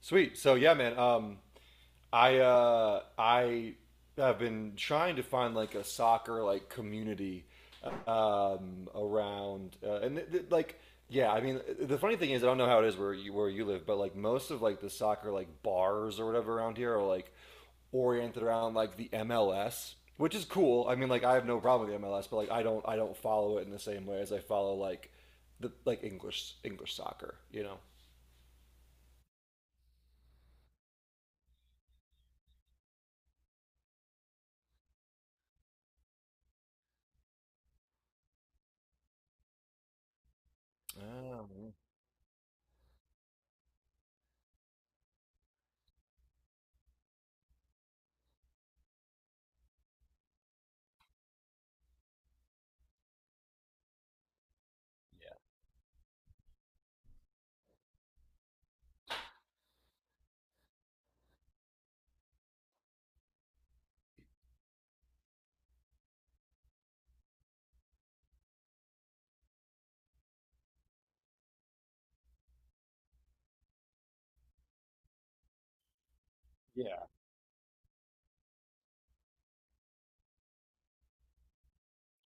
Sweet. So yeah, man. I have been trying to find like a soccer like community around, and. I mean, the funny thing is, I don't know how it is where you live, but like most of like the soccer like bars or whatever around here are like oriented around like the MLS, which is cool. I mean, like I have no problem with the MLS, but like I don't follow it in the same way as I follow like the like English English soccer. You know. Oh, yeah.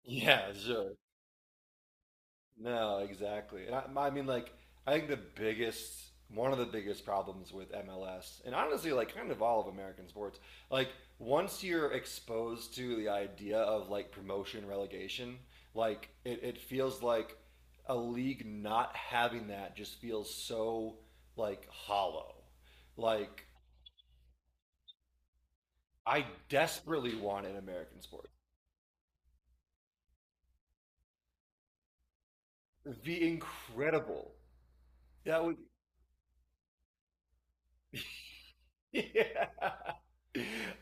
Yeah, sure. No, exactly. And I mean, like, I think one of the biggest problems with MLS, and honestly, like, kind of all of American sports, like, once you're exposed to the idea of like promotion relegation, like, it feels like a league not having that just feels so like hollow. Like, I desperately want an American sport. It'd be incredible. That would yeah.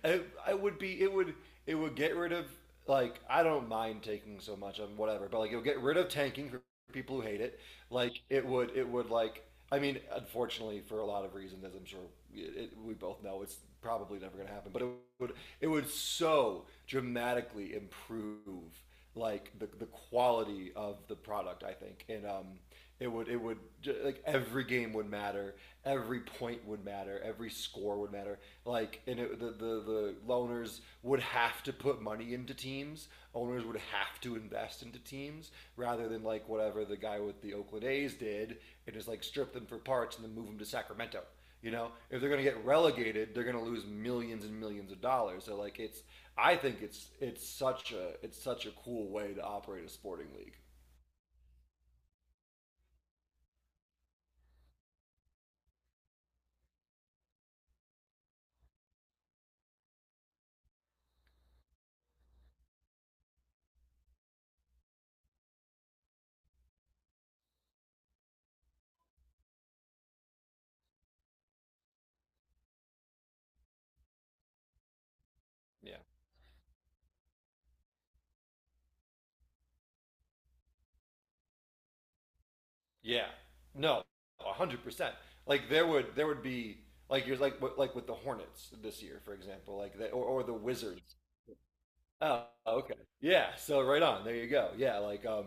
It, I would be it would get rid of like I don't mind taking so much on whatever, but like it would get rid of tanking for people who hate it. Like it would like I mean, unfortunately, for a lot of reasons, as I'm sure we both know, it's probably never going to happen. But would it would so dramatically improve like the quality of the product, I think. And it would like Every game would matter, every point would matter, every score would matter. Like and it, the, the the loaners would have to put money into teams, owners would have to invest into teams rather than like whatever the guy with the Oakland A's did and just like strip them for parts and then move them to Sacramento. You know, if they're going to get relegated, they're going to lose millions and millions of dollars. So like it's I think it's it's such a cool way to operate a sporting league. Yeah. Yeah. No, 100%. Like there would be like you're like with the Hornets this year, for example, like that, or the Wizards. Oh, okay. Yeah, so right on. There you go. Yeah, like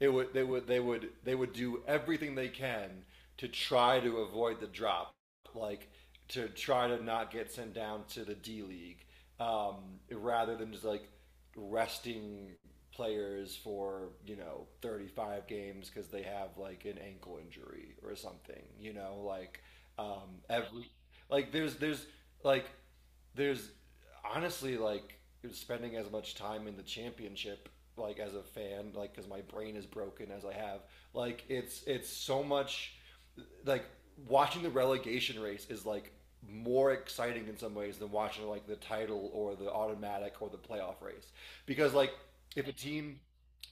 it would they would do everything they can to try to avoid the drop, like to try to not get sent down to the D League, um, rather than just like resting players for, you know, 35 games because they have like an ankle injury or something, you know, like every like there's like there's honestly like spending as much time in the championship like as a fan, like because my brain is broken as I have, like it's so much like watching the relegation race is like more exciting in some ways than watching like the title or the automatic or the playoff race because like if a team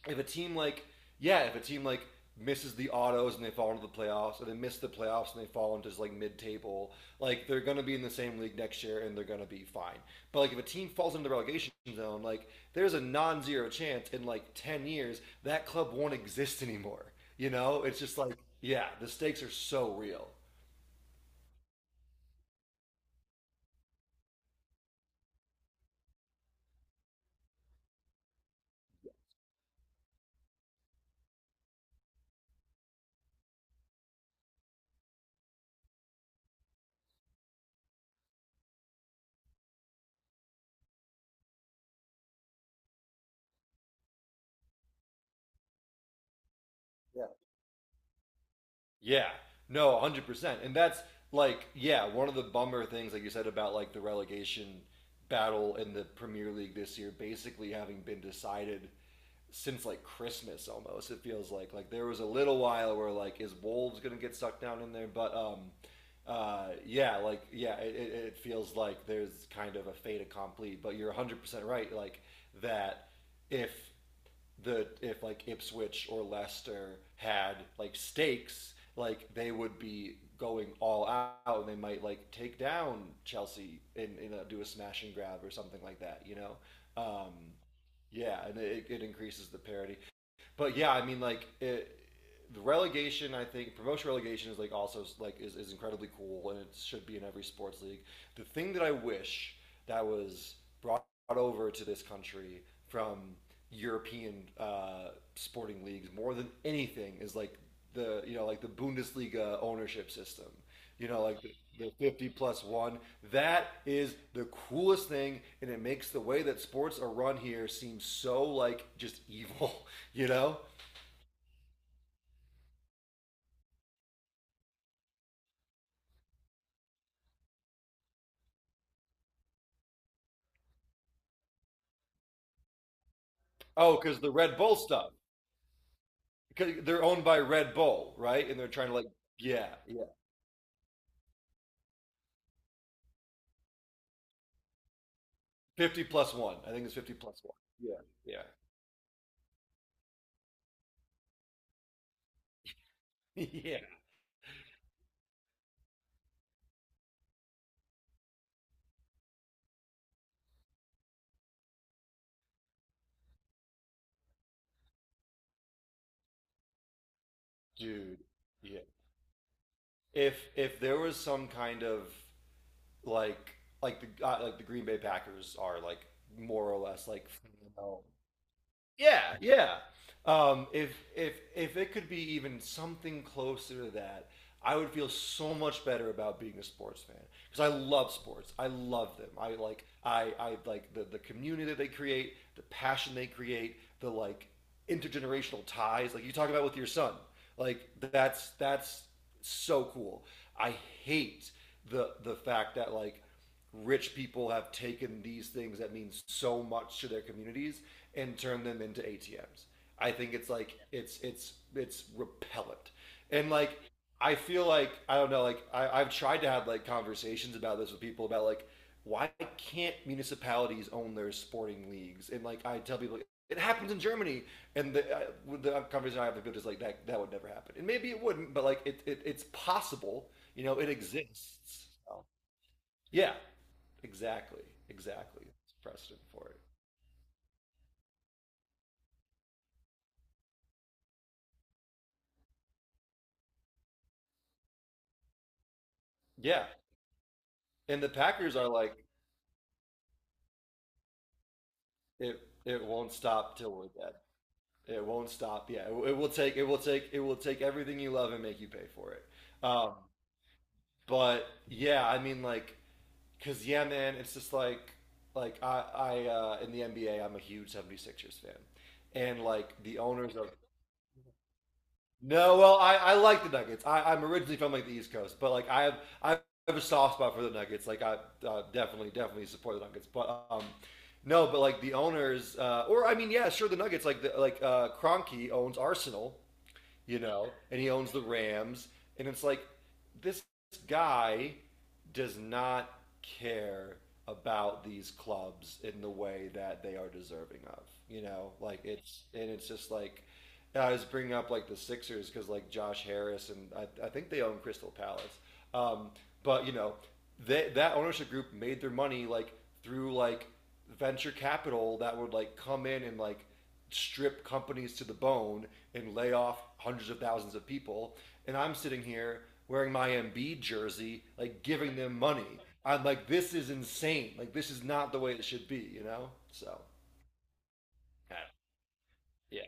if a team like yeah, if a team like misses the autos and they fall into the playoffs, or they miss the playoffs and they fall into just like mid-table, like they're gonna be in the same league next year and they're gonna be fine. But like if a team falls into the relegation zone, like there's a non-zero chance in like 10 years that club won't exist anymore. You know, it's just like yeah, the stakes are so real. Yeah. Yeah. No, 100%. And that's like yeah, one of the bummer things like you said about like the relegation battle in the Premier League this year basically having been decided since like Christmas almost. It feels like there was a little while where like is Wolves going to get sucked down in there, but yeah, like yeah, it feels like there's kind of a fait accompli, but you're 100% right, like that if that if like Ipswich or Leicester had like stakes, like they would be going all out and they might like take down Chelsea, and do a smash and grab or something like that, you know? Um, yeah, and it increases the parity. But yeah, I mean, like it, the relegation, I think promotion relegation is like also like is incredibly cool and it should be in every sports league. The thing that I wish that was brought brought over to this country from European sporting leagues more than anything is like the you know like the Bundesliga ownership system. You know, like the 50 plus one. That is the coolest thing, and it makes the way that sports are run here seem so like just evil. You know? Oh, because the Red Bull stuff. 'Cause they're owned by Red Bull, right? And they're trying to like, yeah, yeah, 50 plus one. I think it's 50 plus one. Yeah, yeah, yeah, dude. Yeah. If there was some kind of like like the Green Bay Packers are like more or less like you know, yeah, yeah. If if it could be even something closer to that, I would feel so much better about being a sports fan because I love sports. I love them. I like the community that they create, the passion they create, the like intergenerational ties. Like you talk about with your son, like that's so cool. I hate the fact that like rich people have taken these things that mean so much to their communities and turned them into ATMs. I think it's like it's repellent. And like I feel like I don't know, like I've tried to have like conversations about this with people about like why can't municipalities own their sporting leagues? And like I tell people, it happens in Germany, and the conversation I have with people is like that would never happen, and maybe it wouldn't, but like it's possible, you know, it exists. So, yeah, exactly. Exactly. It's precedent for it. Yeah. And the Packers are like, it it won't stop till we're dead. It won't stop. Yeah. It, it will take everything you love and make you pay for it. Um, but yeah, I mean like cuz yeah, man, it's just like I in the NBA, I'm a huge 76ers fan. And like the owners of No, well, I like the Nuggets. I, I'm originally from like the East Coast, but like I have a soft spot for the Nuggets. Like I definitely support the Nuggets, but no, but like the owners, or I mean, yeah, sure, the Nuggets. Like the like Kroenke owns Arsenal, you know, and he owns the Rams. And it's like, this guy does not care about these clubs in the way that they are deserving of, you know, like it's, and it's just like, I was bringing up like the Sixers because like Josh Harris and, I think they own Crystal Palace. Um, but you know, that ownership group made their money like through like venture capital that would like come in and like strip companies to the bone and lay off hundreds of thousands of people. And I'm sitting here wearing my Embiid jersey, like giving them money. I'm like, this is insane. Like, this is not the way it should be, you know? So, yeah.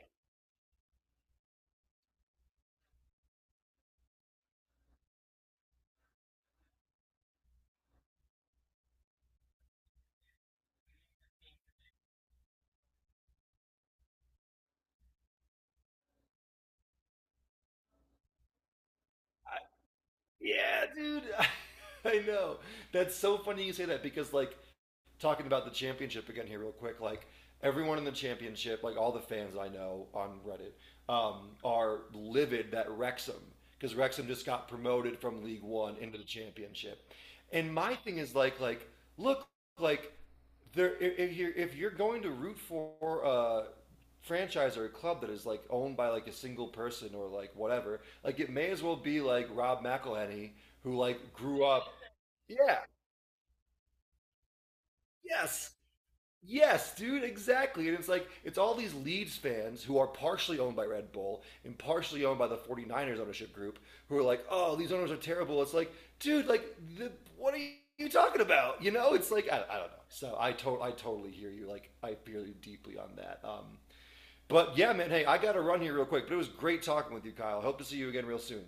I, yeah, dude. I know. That's so funny you say that because, like, talking about the championship again here real quick, like everyone in the championship like all the fans I know on Reddit are livid that Wrexham, because Wrexham just got promoted from League One into the Championship, and my thing is like look like there if you're going to root for a franchise or a club that is like owned by like a single person or like whatever, like it may as well be like Rob McElhenney who like grew up yeah yes Yes, dude, exactly. And it's like, it's all these Leeds fans who are partially owned by Red Bull and partially owned by the 49ers ownership group who are like, oh, these owners are terrible. It's like, dude, like, the, what are you talking about? You know, it's like, I don't know. I totally hear you. Like, I feel you deeply on that. But yeah, man, hey, I got to run here real quick. But it was great talking with you, Kyle. Hope to see you again real soon.